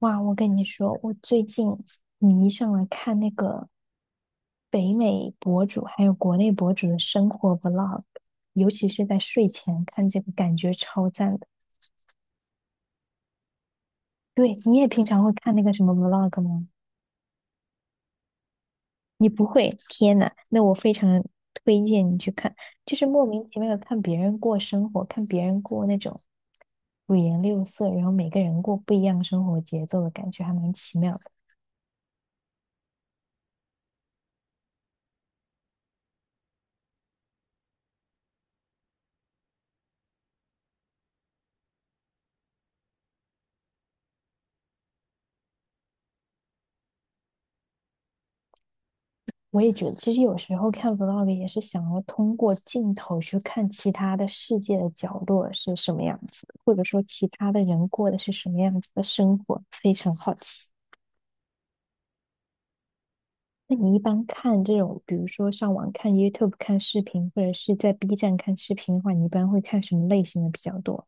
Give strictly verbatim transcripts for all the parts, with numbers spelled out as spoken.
哇，我跟你说，我最近迷上了看那个北美博主，还有国内博主的生活 vlog，尤其是在睡前看这个，感觉超赞的。对，你也平常会看那个什么 vlog 吗？你不会？天呐，那我非常推荐你去看，就是莫名其妙的看别人过生活，看别人过那种五颜六色，然后每个人过不一样生活节奏的感觉，还蛮奇妙的。我也觉得，其实有时候看 vlog 也是想要通过镜头去看其他的世界的角落是什么样子的或者说其他的人过的是什么样子的生活，非常好奇。那你一般看这种，比如说上网看 YouTube 看视频，或者是在 B 站看视频的话，你一般会看什么类型的比较多？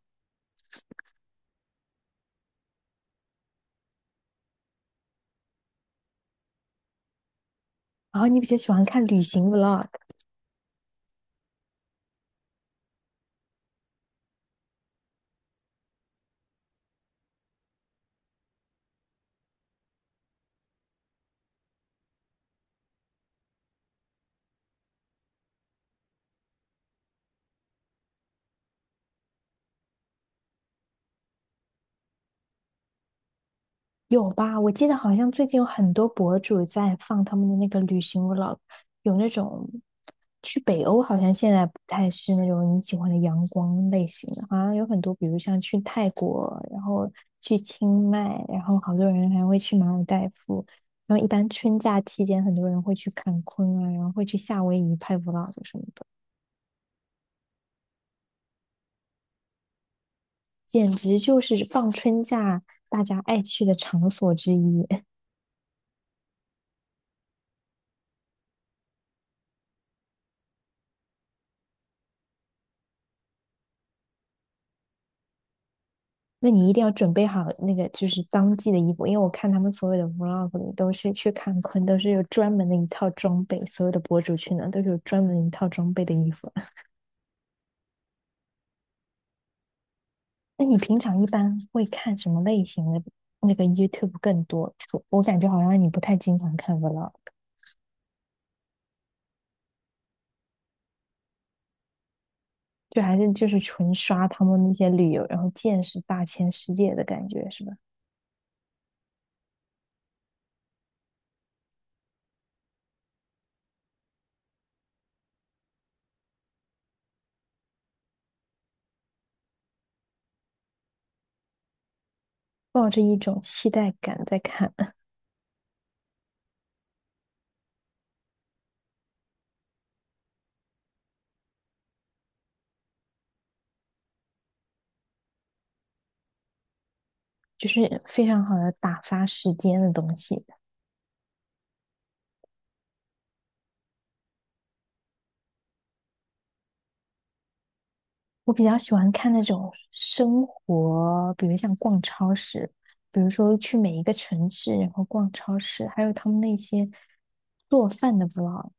然后你比较喜欢看旅行 vlog？有吧？我记得好像最近有很多博主在放他们的那个旅行 vlog，有那种去北欧，好像现在不太是那种你喜欢的阳光类型的，好像有很多，比如像去泰国，然后去清迈，然后好多人还会去马尔代夫，然后一般春假期间，很多人会去看昆啊，然后会去夏威夷拍 vlog 什么的，简直就是放春假大家爱去的场所之一。那你一定要准备好那个就是当季的衣服，因为我看他们所有的 vlog 里都是去看昆，都是有专门的一套装备，所有的博主去呢都是有专门一套装备的衣服。那你平常一般会看什么类型的那个 YouTube 更多？我感觉好像你不太经常看 vlog，就还是就是纯刷他们那些旅游，然后见识大千世界的感觉是吧？抱着一种期待感在看，就是非常好的打发时间的东西。我比较喜欢看那种生活，比如像逛超市，比如说去每一个城市，然后逛超市，还有他们那些做饭的 vlog。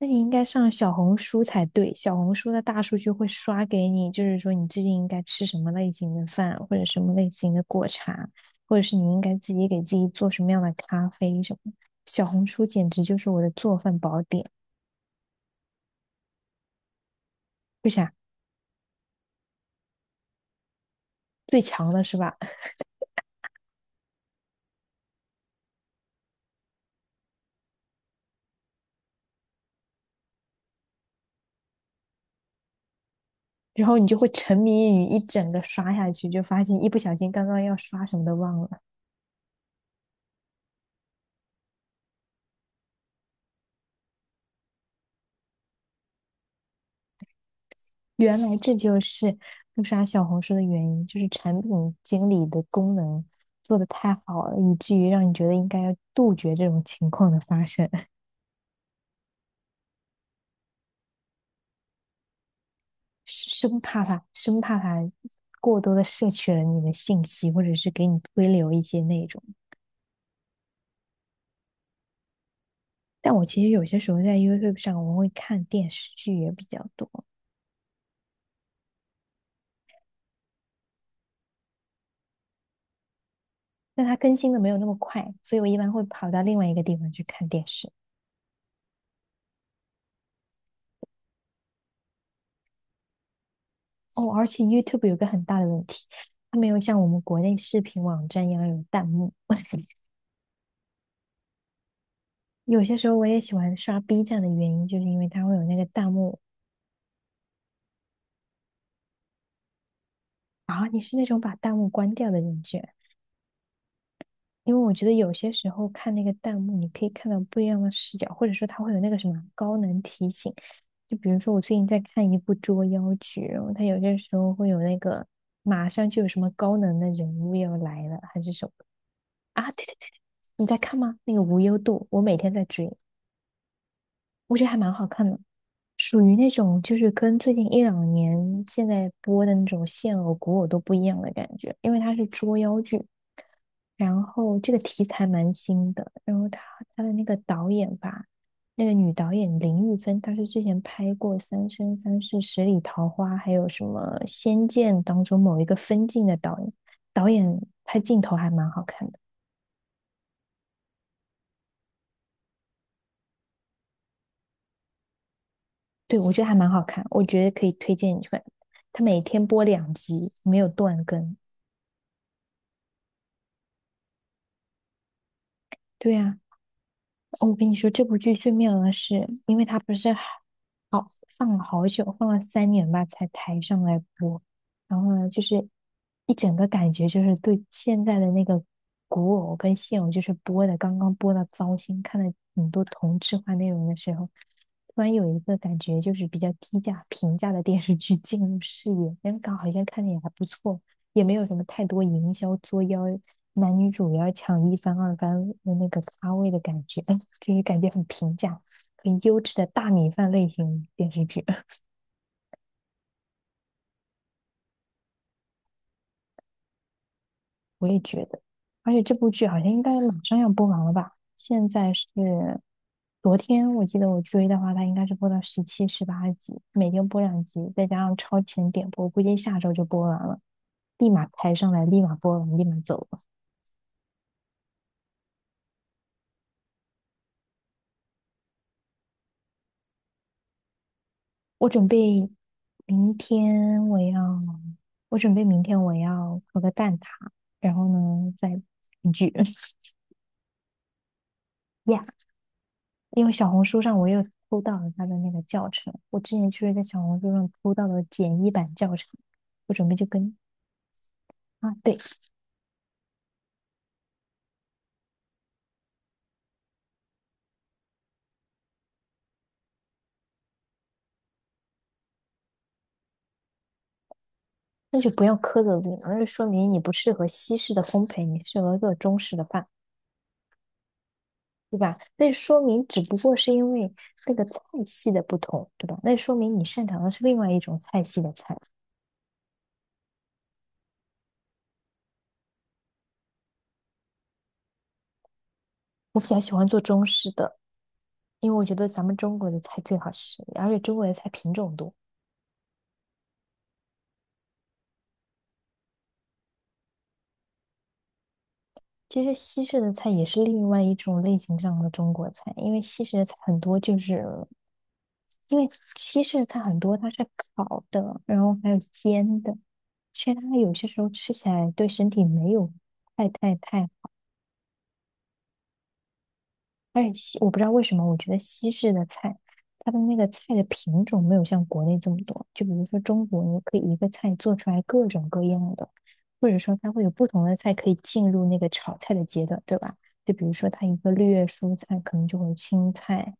那你应该上小红书才对，小红书的大数据会刷给你，就是说你最近应该吃什么类型的饭，或者什么类型的果茶，或者是你应该自己给自己做什么样的咖啡什么。小红书简直就是我的做饭宝典，为啥？最强了是吧？然后你就会沉迷于一整个刷下去，就发现一不小心刚刚要刷什么都忘了。原来这就是不刷小红书的原因，就是产品经理的功能做得太好了，以至于让你觉得应该要杜绝这种情况的发生，生怕它生怕它过多的摄取了你的信息，或者是给你推流一些内容。但我其实有些时候在 YouTube 上，我会看电视剧也比较多。但它更新的没有那么快，所以我一般会跑到另外一个地方去看电视。哦，而且 YouTube 有个很大的问题，它没有像我们国内视频网站一样有弹幕。有些时候我也喜欢刷 B 站的原因，就是因为它会有那个弹幕啊。你是那种把弹幕关掉的人居然。因为我觉得有些时候看那个弹幕，你可以看到不一样的视角，或者说它会有那个什么高能提醒。就比如说，我最近在看一部捉妖剧，然后它有些时候会有那个马上就有什么高能的人物要来了，还是什么啊？对对对，你在看吗？那个无忧渡，我每天在追，我觉得还蛮好看的。属于那种就是跟最近一两年现在播的那种现偶、古偶都不一样的感觉，因为它是捉妖剧，然后这个题材蛮新的，然后它它的那个导演吧，那个女导演林玉芬，她是之前拍过《三生三世十里桃花》，还有什么《仙剑》当中某一个分镜的导演，导演拍镜头还蛮好看的，对，我觉得还蛮好看，我觉得可以推荐你去看，他每天播两集，没有断更。对呀、哦我跟你说，这部剧最妙的是，因为它不是好放了好久，放了三年吧才抬上来播，然后呢，就是一整个感觉就是对现在的那个古偶跟现偶，就是播的刚刚播到糟心，看了很多同质化内容的时候，突然有一个感觉就是比较低价平价的电视剧进入视野，那个好像看着也还不错，也没有什么太多营销作妖，男女主要抢一番、二番的那个咖位的感觉，嗯，这是感觉很平价、很优质的大米饭类型电视剧，我也觉得。而且这部剧好像应该马上要播完了吧？现在是昨天，我记得我追的话，它应该是播到十七、十八集，每天播两集，再加上超前点播，估计下周就播完了，立马抬上来，立马播完，立马走。我准备明天我要，我准备明天我要烤个蛋挞，然后呢再一句 呀，因为小红书上我又偷到了他的那个教程，我之前就是在小红书上偷到了简易版教程，我准备就跟啊对，那就不要苛责自己了，那就说明你不适合西式的烘焙，你适合做中式的饭，对吧？那说明只不过是因为那个菜系的不同，对吧？那说明你擅长的是另外一种菜系的菜。我比较喜欢做中式的，因为我觉得咱们中国的菜最好吃，而且中国的菜品种多。其实西式的菜也是另外一种类型上的中国菜，因为西式的菜很多就是，因为西式的菜很多它是烤的，然后还有煎的，其实它有些时候吃起来对身体没有太太太我不知道为什么，我觉得西式的菜，它的那个菜的品种没有像国内这么多。就比如说中国，你可以一个菜做出来各种各样的，或者说它会有不同的菜可以进入那个炒菜的阶段，对吧？就比如说它一个绿叶蔬菜，可能就会有青菜、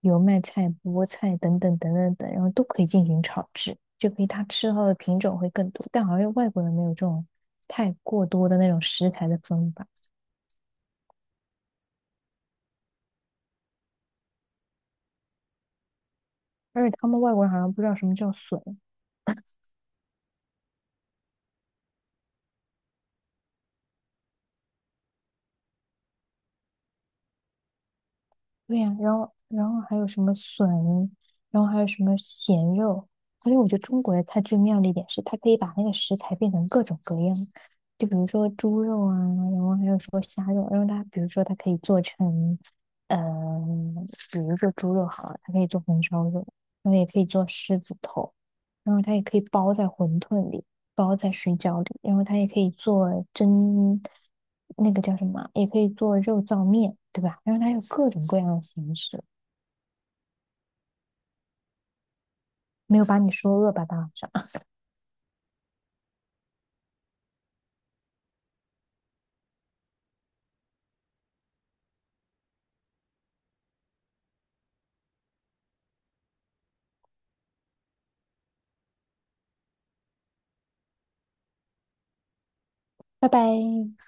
油麦菜、菠菜等等等等等，然后都可以进行炒制，就可以它吃到的品种会更多。但好像外国人没有这种太过多的那种食材的分法，而且他们外国人好像不知道什么叫笋。对呀、然后然后还有什么笋，然后还有什么咸肉，而且我觉得中国的菜最妙的一点是，它可以把那个食材变成各种各样，就比如说猪肉啊，然后还有说虾肉，然后它比如说它可以做成，嗯、比如说猪肉好了，它可以做红烧肉，然后也可以做狮子头，然后它也可以包在馄饨里，包在水饺里，然后它也可以做蒸，那个叫什么，也可以做肉燥面，对吧？然后它有各种各样的形式，没有把你说饿吧，大晚上，拜拜。